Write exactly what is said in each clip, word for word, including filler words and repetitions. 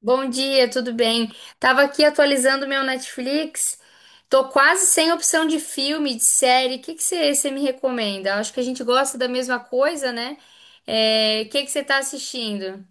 Bom dia, tudo bem? Tava aqui atualizando meu Netflix. Tô quase sem opção de filme, de série. O que que você me recomenda? Acho que a gente gosta da mesma coisa, né? É, o que que você tá assistindo?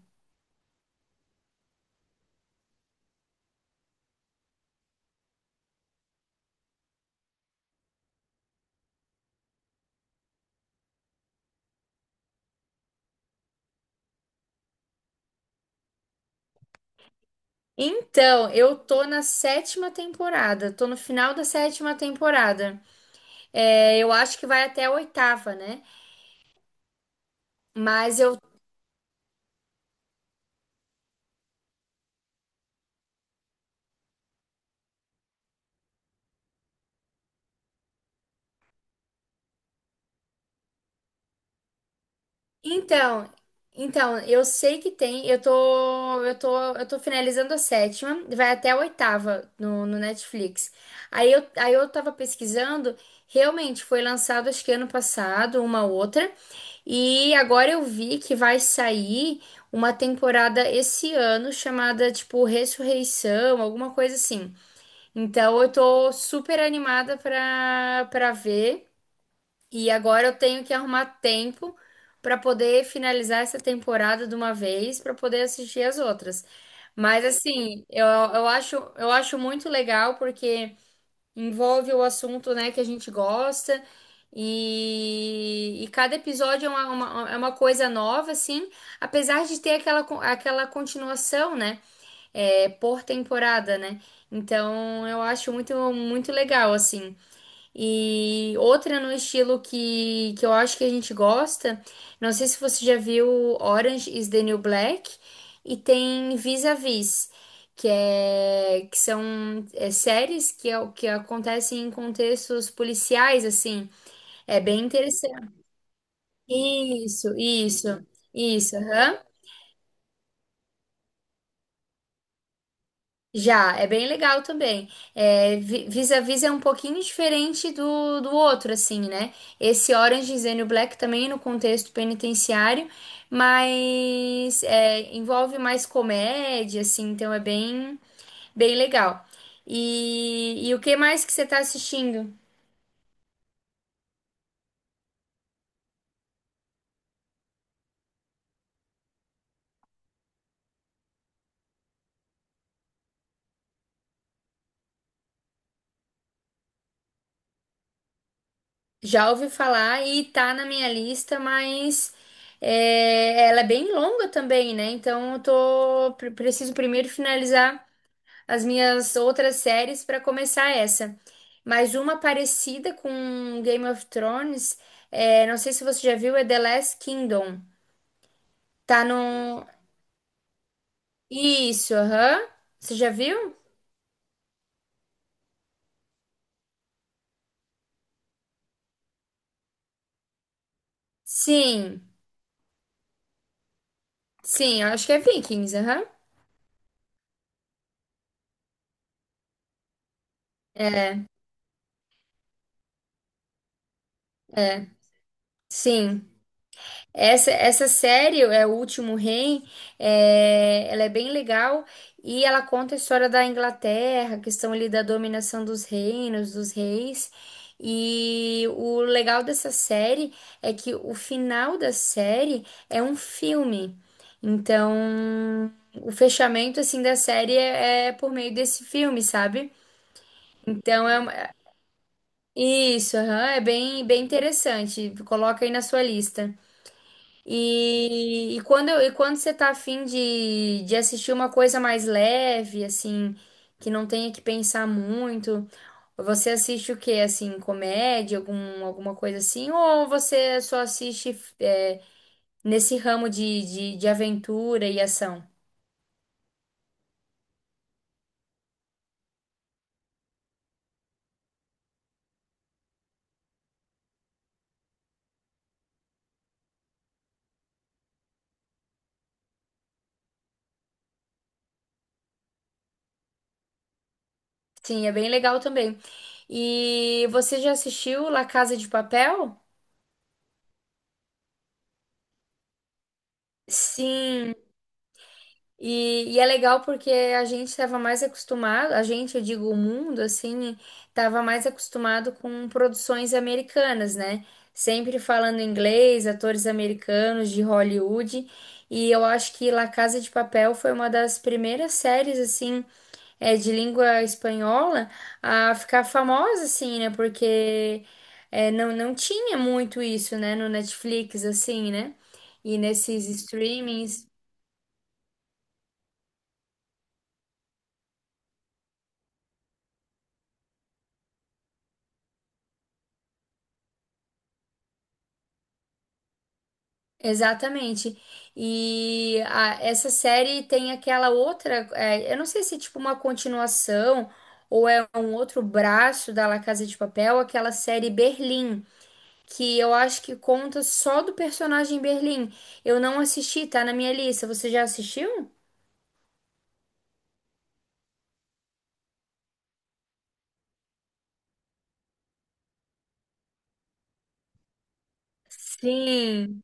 Então, eu tô na sétima temporada. Tô no final da sétima temporada. É, eu acho que vai até a oitava, né? Mas eu Então, então, eu sei que tem, eu tô, eu tô, eu tô finalizando a sétima, vai até a oitava no, no Netflix. Aí eu, aí eu tava pesquisando, realmente foi lançado acho que ano passado, uma outra, e agora eu vi que vai sair uma temporada esse ano chamada tipo Ressurreição, alguma coisa assim. Então eu tô super animada pra, pra ver. E agora eu tenho que arrumar tempo para poder finalizar essa temporada de uma vez para poder assistir as outras. Mas assim, eu, eu acho, eu acho muito legal porque envolve o assunto, né, que a gente gosta. E, e cada episódio é uma, uma- é uma coisa nova, assim, apesar de ter aquela, con- aquela continuação, né, é, por temporada, né? Então eu acho muito, muito legal, assim. E outra no estilo que, que eu acho que a gente gosta, não sei se você já viu Orange is the New Black, e tem Vis-a-Vis, que, é, que são é, séries que, é o- que acontecem em contextos policiais, assim. É bem interessante. Isso, isso, isso. Aham. Já, é bem legal também. É, vi- Vis-a-Vis é um pouquinho diferente do, do outro, assim, né? Esse Orange is the New Black também no contexto penitenciário, mas é, envolve mais comédia, assim, então é bem, bem legal. E, e o que mais que você tá assistindo? Já ouvi falar e tá na minha lista, mas é, ela é bem longa também, né? Então eu tô, pre- preciso primeiro finalizar as minhas outras séries para começar essa. Mas uma parecida com Game of Thrones, é, não sei se você já viu, é The Last Kingdom. Tá no. Isso, aham. Você já viu? Sim, sim, eu acho que é Vikings, aham. É, sim. Essa, essa série, é O Último Rei, é, ela é bem legal e ela conta a história da Inglaterra, a questão ali da dominação dos reinos, dos reis. E o legal dessa série é que o final da série é um filme. Então, o fechamento assim da série é, é por meio desse filme, sabe? Então, é uma- isso, aham, é bem, bem interessante. Coloca aí na sua lista. E, e quando, eu- e quando você tá afim de, de assistir uma coisa mais leve, assim, que não tenha que pensar muito, você assiste o quê? Assim, comédia, algum, alguma coisa assim? Ou você só assiste é, nesse ramo de, de, de aventura e ação? Sim, é bem legal também. E você já assistiu La Casa de Papel? Sim. E, e é legal porque a gente estava mais acostumado, a gente, eu digo o mundo, assim, estava mais acostumado com produções americanas, né? Sempre falando inglês, atores americanos de Hollywood. E eu acho que La Casa de Papel foi uma das primeiras séries, assim, é, de língua espanhola a ficar famosa, assim, né? Porque é, não, não tinha muito isso, né, no Netflix, assim, né? E nesses streamings. Exatamente. E a- essa série tem aquela outra, é, eu não sei se é tipo uma continuação ou é um outro braço da La Casa de Papel, aquela série Berlim, que eu acho que conta só do personagem Berlim. Eu não assisti, tá na minha lista. Você já assistiu? Sim,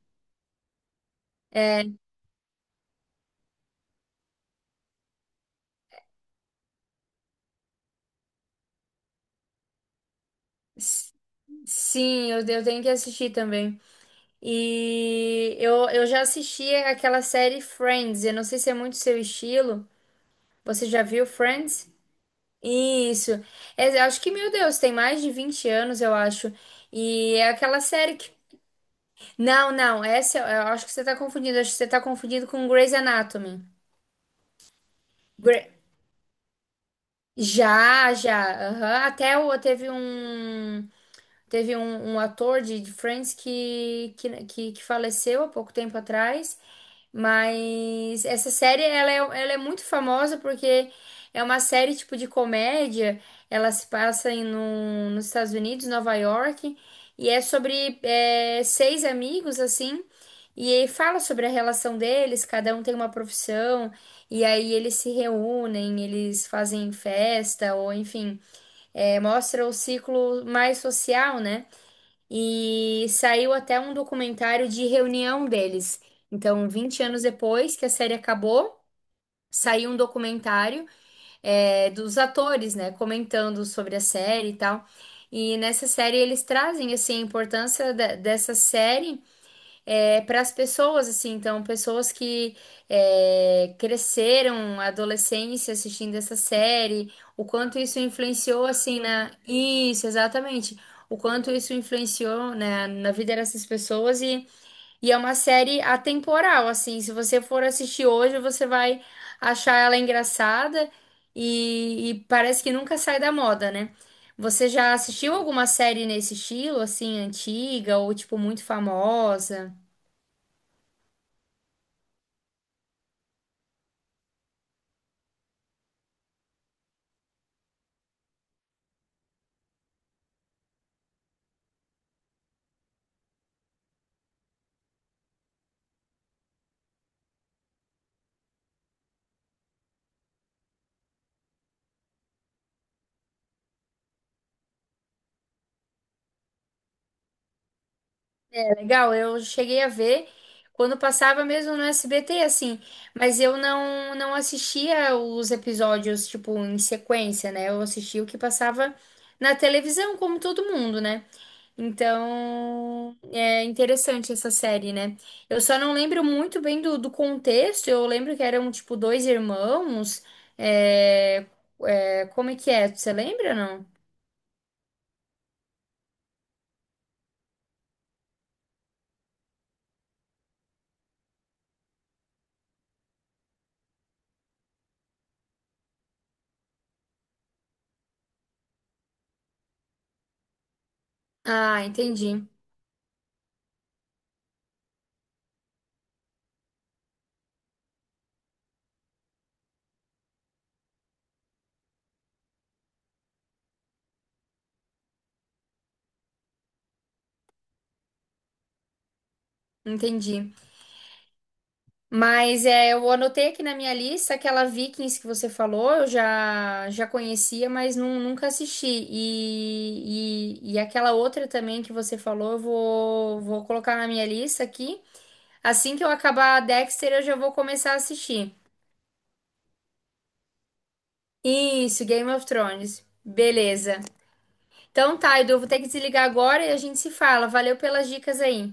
s- sim, eu, eu tenho que assistir também. E eu, eu já assisti aquela série Friends, eu não sei se é muito seu estilo. Você já viu Friends? Isso. É, eu acho que, meu Deus, tem mais de vinte anos, eu acho. E é aquela série que. Não, não, essa eu eu acho que você tá confundindo. Acho que você tá confundindo com Grey's Anatomy. Gre- Já, já. Aham. Até o, teve um. Teve um, um ator de de Friends que, que, que, que faleceu há pouco tempo atrás. Mas essa série, ela é, ela é muito famosa porque é uma série tipo de comédia. Ela se passa em, num- nos Estados Unidos, Nova York, e é sobre é, seis amigos, assim, e aí fala sobre a relação deles, cada um tem uma profissão, e aí eles se reúnem, eles fazem festa, ou enfim, é, mostra o ciclo mais social, né? E saiu até um documentário de reunião deles. Então, vinte anos depois que a série acabou, saiu um documentário é, dos atores, né, comentando sobre a série e tal. E nessa série eles trazem assim a importância da- dessa série é, para as pessoas, assim, então, pessoas que é, cresceram a adolescência assistindo essa série, o quanto isso influenciou, assim, na... Isso, exatamente. O quanto isso influenciou, né, na vida dessas pessoas e, e é uma série atemporal, assim, se você for assistir hoje, você vai achar ela engraçada e, e parece que nunca sai da moda, né? Você já assistiu alguma série nesse estilo, assim, antiga ou, tipo, muito famosa? Legal, eu cheguei a ver quando passava mesmo no S B T, assim, mas eu não, não assistia os episódios, tipo, em sequência, né? Eu assistia o que passava na televisão, como todo mundo, né? Então, é interessante essa série, né? Eu só não lembro muito bem do, do contexto, eu lembro que eram, tipo, dois irmãos, é, é, como é que é? Você lembra, não? Ah, entendi, entendi. Mas é, eu anotei aqui na minha lista aquela Vikings que você falou, eu já, já conhecia, mas nun- nunca assisti. E, e, e aquela outra também que você falou, eu vou, vou colocar na minha lista aqui. Assim que eu acabar a Dexter, eu já vou começar a assistir. Isso, Game of Thrones. Beleza. Então tá, Edu, eu vou ter que desligar agora e a gente se fala. Valeu pelas dicas aí.